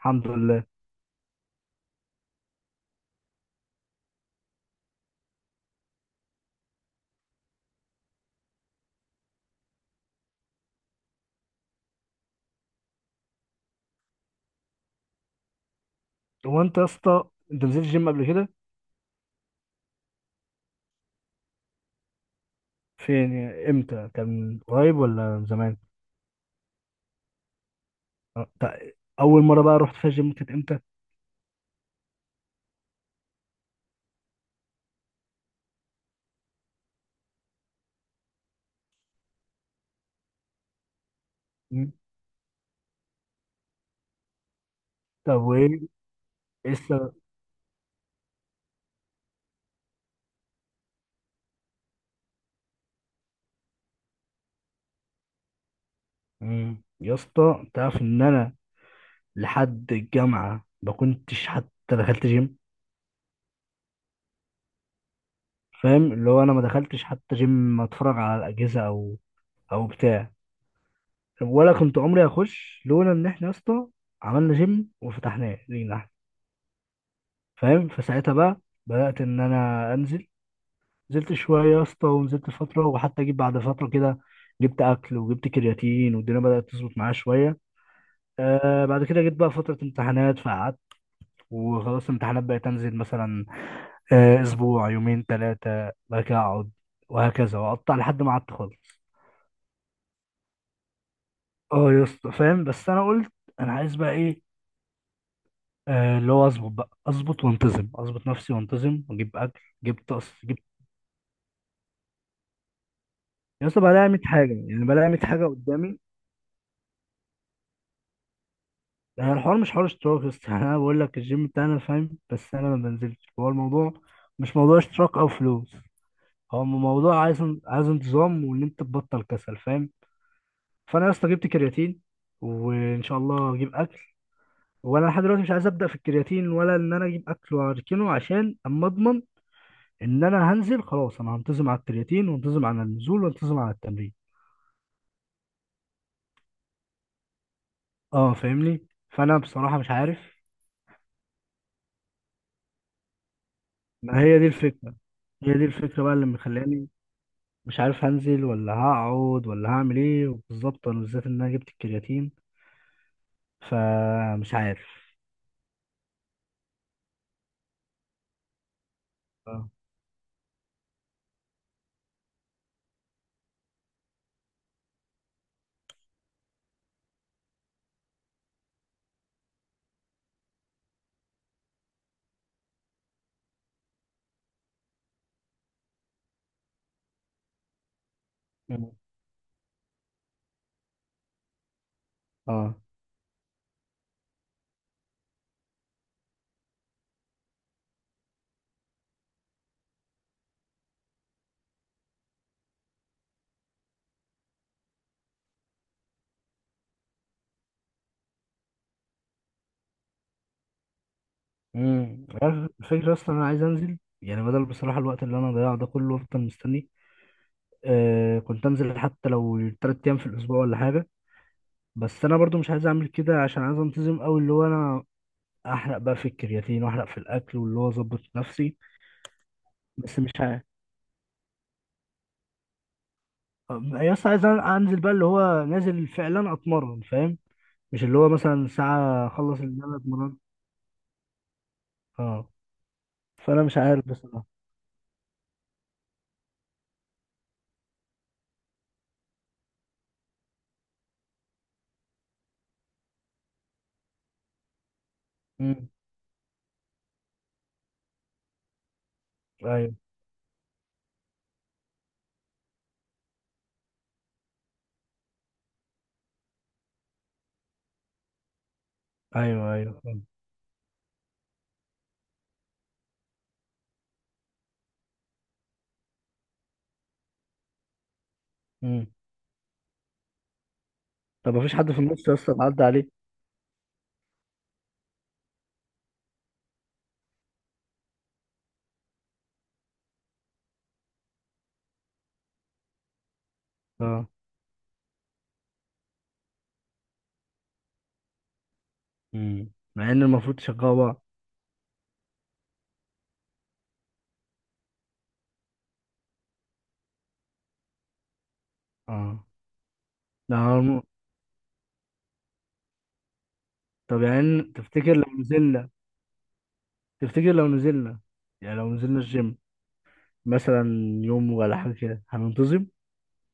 الحمد لله. هو انت يا اسطى، انت نزلت الجيم قبل كده؟ فين يعني، امتى؟ كان قريب ولا من زمان؟ اه، اول مره بقى رحت فيها الجيم كانت امتى؟ مم. طب وايه السبب؟ مم. يا اسطى تعرف ان انا لحد الجامعه ما كنتش حتى دخلت جيم. فاهم؟ اللي هو انا ما دخلتش حتى جيم اتفرج على الاجهزه او بتاع. ولا كنت عمري اخش لولا ان احنا يا اسطى عملنا جيم وفتحناه لينا احنا. فاهم؟ فساعتها بقى بدات ان انا انزل. نزلت شوية يا اسطى ونزلت فترة، وحتى جيت بعد فترة كده، جبت أكل وجبت كرياتين والدنيا بدأت تظبط معايا شوية. بعد كده جيت بقى فترة امتحانات فقعدت. وخلاص الامتحانات بقت أنزل مثلا أسبوع، يومين، ثلاثة، بعد كده أقعد، وهكذا وأقطع لحد ما قعدت خالص. اه يا اسطى، فاهم؟ بس أنا قلت أنا عايز بقى إيه؟ اللي هو أظبط بقى، أظبط وأنتظم، أظبط نفسي وأنتظم وأجيب أكل. جبت، أصل جبت يا اسطى، بلاقي 100 حاجة، يعني بلاقي 100 حاجة قدامي. يعني الحوار مش حوار اشتراك بس يعني انا بقول لك الجيم بتاعنا، فاهم؟ بس انا ما بنزلش. هو الموضوع مش موضوع اشتراك او فلوس، هو موضوع عايز انتظام، وان انت تبطل كسل، فاهم؟ فانا يا اسطى جبت كرياتين، وان شاء الله اجيب اكل. وانا لحد دلوقتي مش عايز ابدا في الكرياتين، ولا ان انا اجيب اكل واركنه، عشان اما اضمن ان انا هنزل خلاص. انا هنتظم على الكرياتين وانتظم على النزول وانتظم على التمرين. اه، فاهمني؟ فانا بصراحه مش عارف. ما هي دي الفكره، هي دي الفكره بقى اللي مخلاني مش عارف هنزل ولا هقعد ولا هعمل ايه بالظبط، انا بالذات ان انا جبت الكرياتين، فمش عارف. اه. مم. اه. عارف الفكره، اصلا انا عايز انزل، يعني بدل بصراحه الوقت اللي انا ضيعه ده كله افضل مستني. كنت انزل حتى لو 3 ايام في الاسبوع ولا حاجه، بس انا برضو مش عايز اعمل كده، عشان عايز انتظم قوي، اللي هو انا احرق بقى في الكرياتين واحرق في الاكل، واللي هو اظبط نفسي. بس مش عارف. يا اسطى عايز انزل بقى اللي هو نازل فعلا اتمرن، فاهم؟ مش اللي هو مثلا ساعة أخلص اللي أنا اتمرنت. اه، فأنا مش عارف بصراحة. امم. أيوه، أيوه، أيوه. امم طب مفيش حد في النص أصلا عدى عليه؟ اه. مع إن المفروض تشغلوا بعض. اه. ده هو الم- طب يعني، تفتكر لو نزلنا، يعني لو نزلنا الجيم مثلا يوم ولا حاجة كده، هننتظم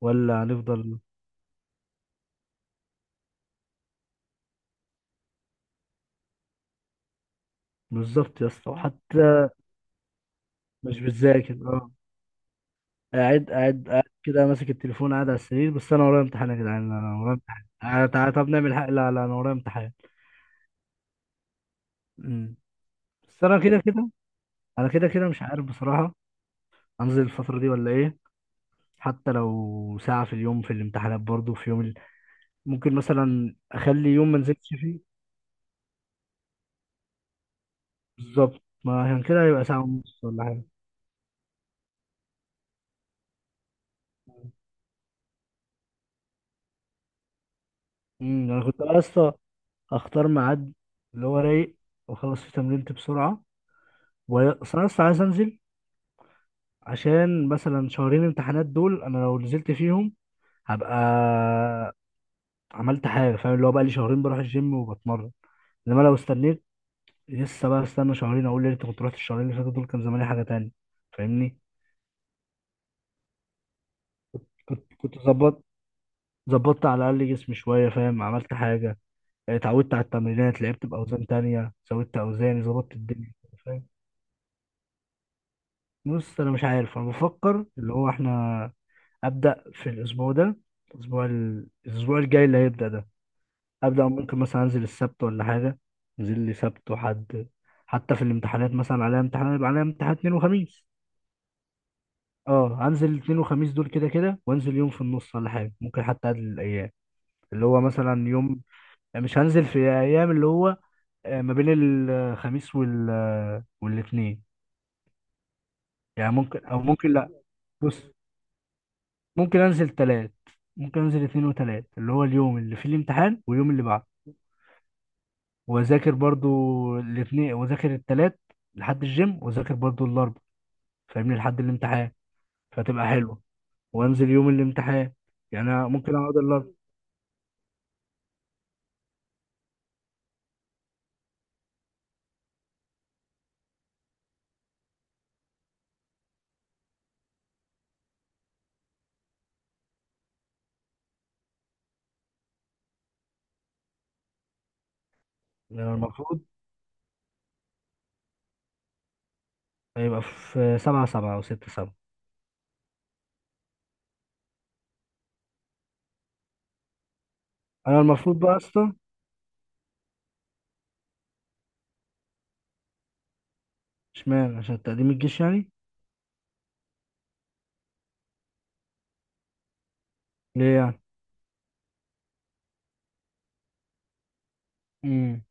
ولا هنفضل؟ بالظبط يا اسطى، وحتى مش بتذاكر، اه، قاعد قاعد قاعد كده ماسك التليفون، قاعد على السرير، بس انا ورايا امتحان يا جدعان، انا ورايا امتحان، تعالى تعالى طب نعمل حق، لا لا انا ورايا امتحان. أمم. بس انا كده كده، انا كده كده مش عارف بصراحة انزل الفترة دي ولا ايه. حتى لو ساعة في اليوم في الامتحانات برضو. ممكن مثلا اخلي يوم ما انزلش فيه. بالظبط، ما عشان كده هيبقى ساعة ونص ولا حاجة. انا كنت اصلا اختار ميعاد اللي هو رايق واخلص فيه تمرينتي بسرعة بس انا اصلا عايز انزل، عشان مثلا شهرين امتحانات دول انا لو نزلت فيهم هبقى عملت حاجه. فاهم؟ اللي هو بقى لي شهرين بروح الجيم وبتمرن. انما لو استنيت، لسه بقى استنى شهرين، اقول يا ريت كنت رحت الشهرين اللي فاتوا دول، كان زماني حاجه تانية. فاهمني؟ كنت ظبطت على الاقل جسمي شويه، فاهم؟ عملت حاجه، اتعودت على التمرينات، لعبت باوزان تانية، زودت اوزاني، ظبطت الدنيا. فاهم؟ بص انا مش عارف، انا بفكر اللي هو احنا ابدا في الاسبوع ده، الاسبوع الاسبوع الجاي اللي هيبدا ده، ابدا، ممكن مثلا انزل السبت ولا حاجه، انزل لي سبت وحد. حتى في الامتحانات مثلا عليها امتحان، يبقى عليها امتحان اثنين وخميس. اه، انزل اثنين وخميس دول كده كده، وانزل يوم في النص ولا حاجه، ممكن حتى اقلل الايام، اللي هو مثلا يوم. مش هنزل في ايام، اللي هو ما بين الخميس والاثنين. يعني ممكن او ممكن لا. بص ممكن انزل ثلاث، ممكن انزل اثنين وثلاث، اللي هو اليوم اللي فيه الامتحان واليوم اللي بعده، واذاكر برضو الاثنين، واذاكر التلات لحد الجيم، واذاكر برضو الاربع، فاهمني؟ لحد الامتحان فتبقى حلوه، وانزل يوم الامتحان. يعني أنا ممكن اقعد الاربع. يعني المفروض هيبقى في سبعة سبعة او ستة سبعة. انا المفروض بقى اصلا اشمعنى، عشان تقديم الجيش يعني؟ ليه يعني؟ امم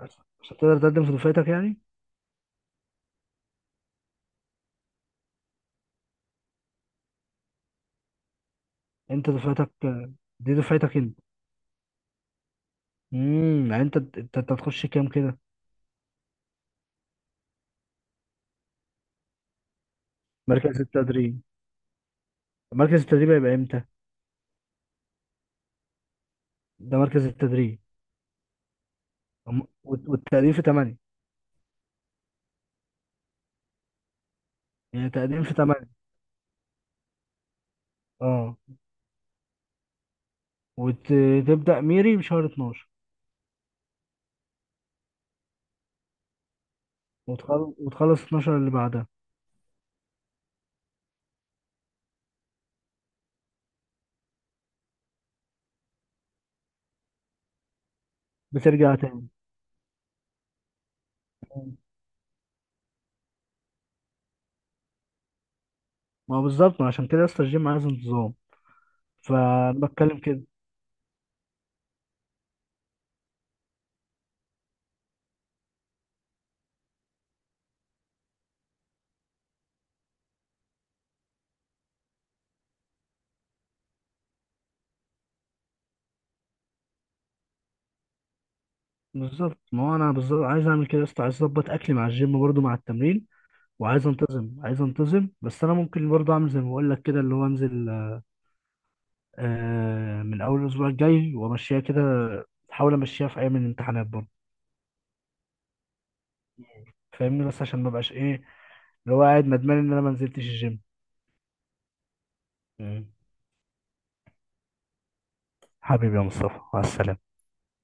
عشان تقدر تقدم في دفعتك يعني؟ انت دفعتك دي دفعتك انت. يعني انت انت أنت هتخش كام كده؟ مركز التدريب مركز التدريب هيبقى امتى؟ ده مركز التدريب. والتقديم في 8؟ يعني تقديم في 8. اه، وتبدأ ميري بشهر 12. وتخلص 12 اللي بعدها. بترجع تاني. ما هو بالظبط، ما عشان كده يا اسطى الجيم عايز انتظام، فانا بتكلم كده. بالظبط، ما هو انا بالظبط عايز اعمل كده يا اسطى. عايز اظبط اكلي مع الجيم برضو، مع التمرين. وعايز انتظم، عايز انتظم، بس انا ممكن برضو اعمل زي ما بقول لك كده، اللي هو انزل من اول الاسبوع الجاي، وامشيها كده، احاول امشيها في ايام الامتحانات برضو. فاهمني؟ بس عشان ما بقاش ايه اللي هو قاعد ندمان ان انا ما نزلتش الجيم. مم. حبيبي يا مصطفى، مع السلامة.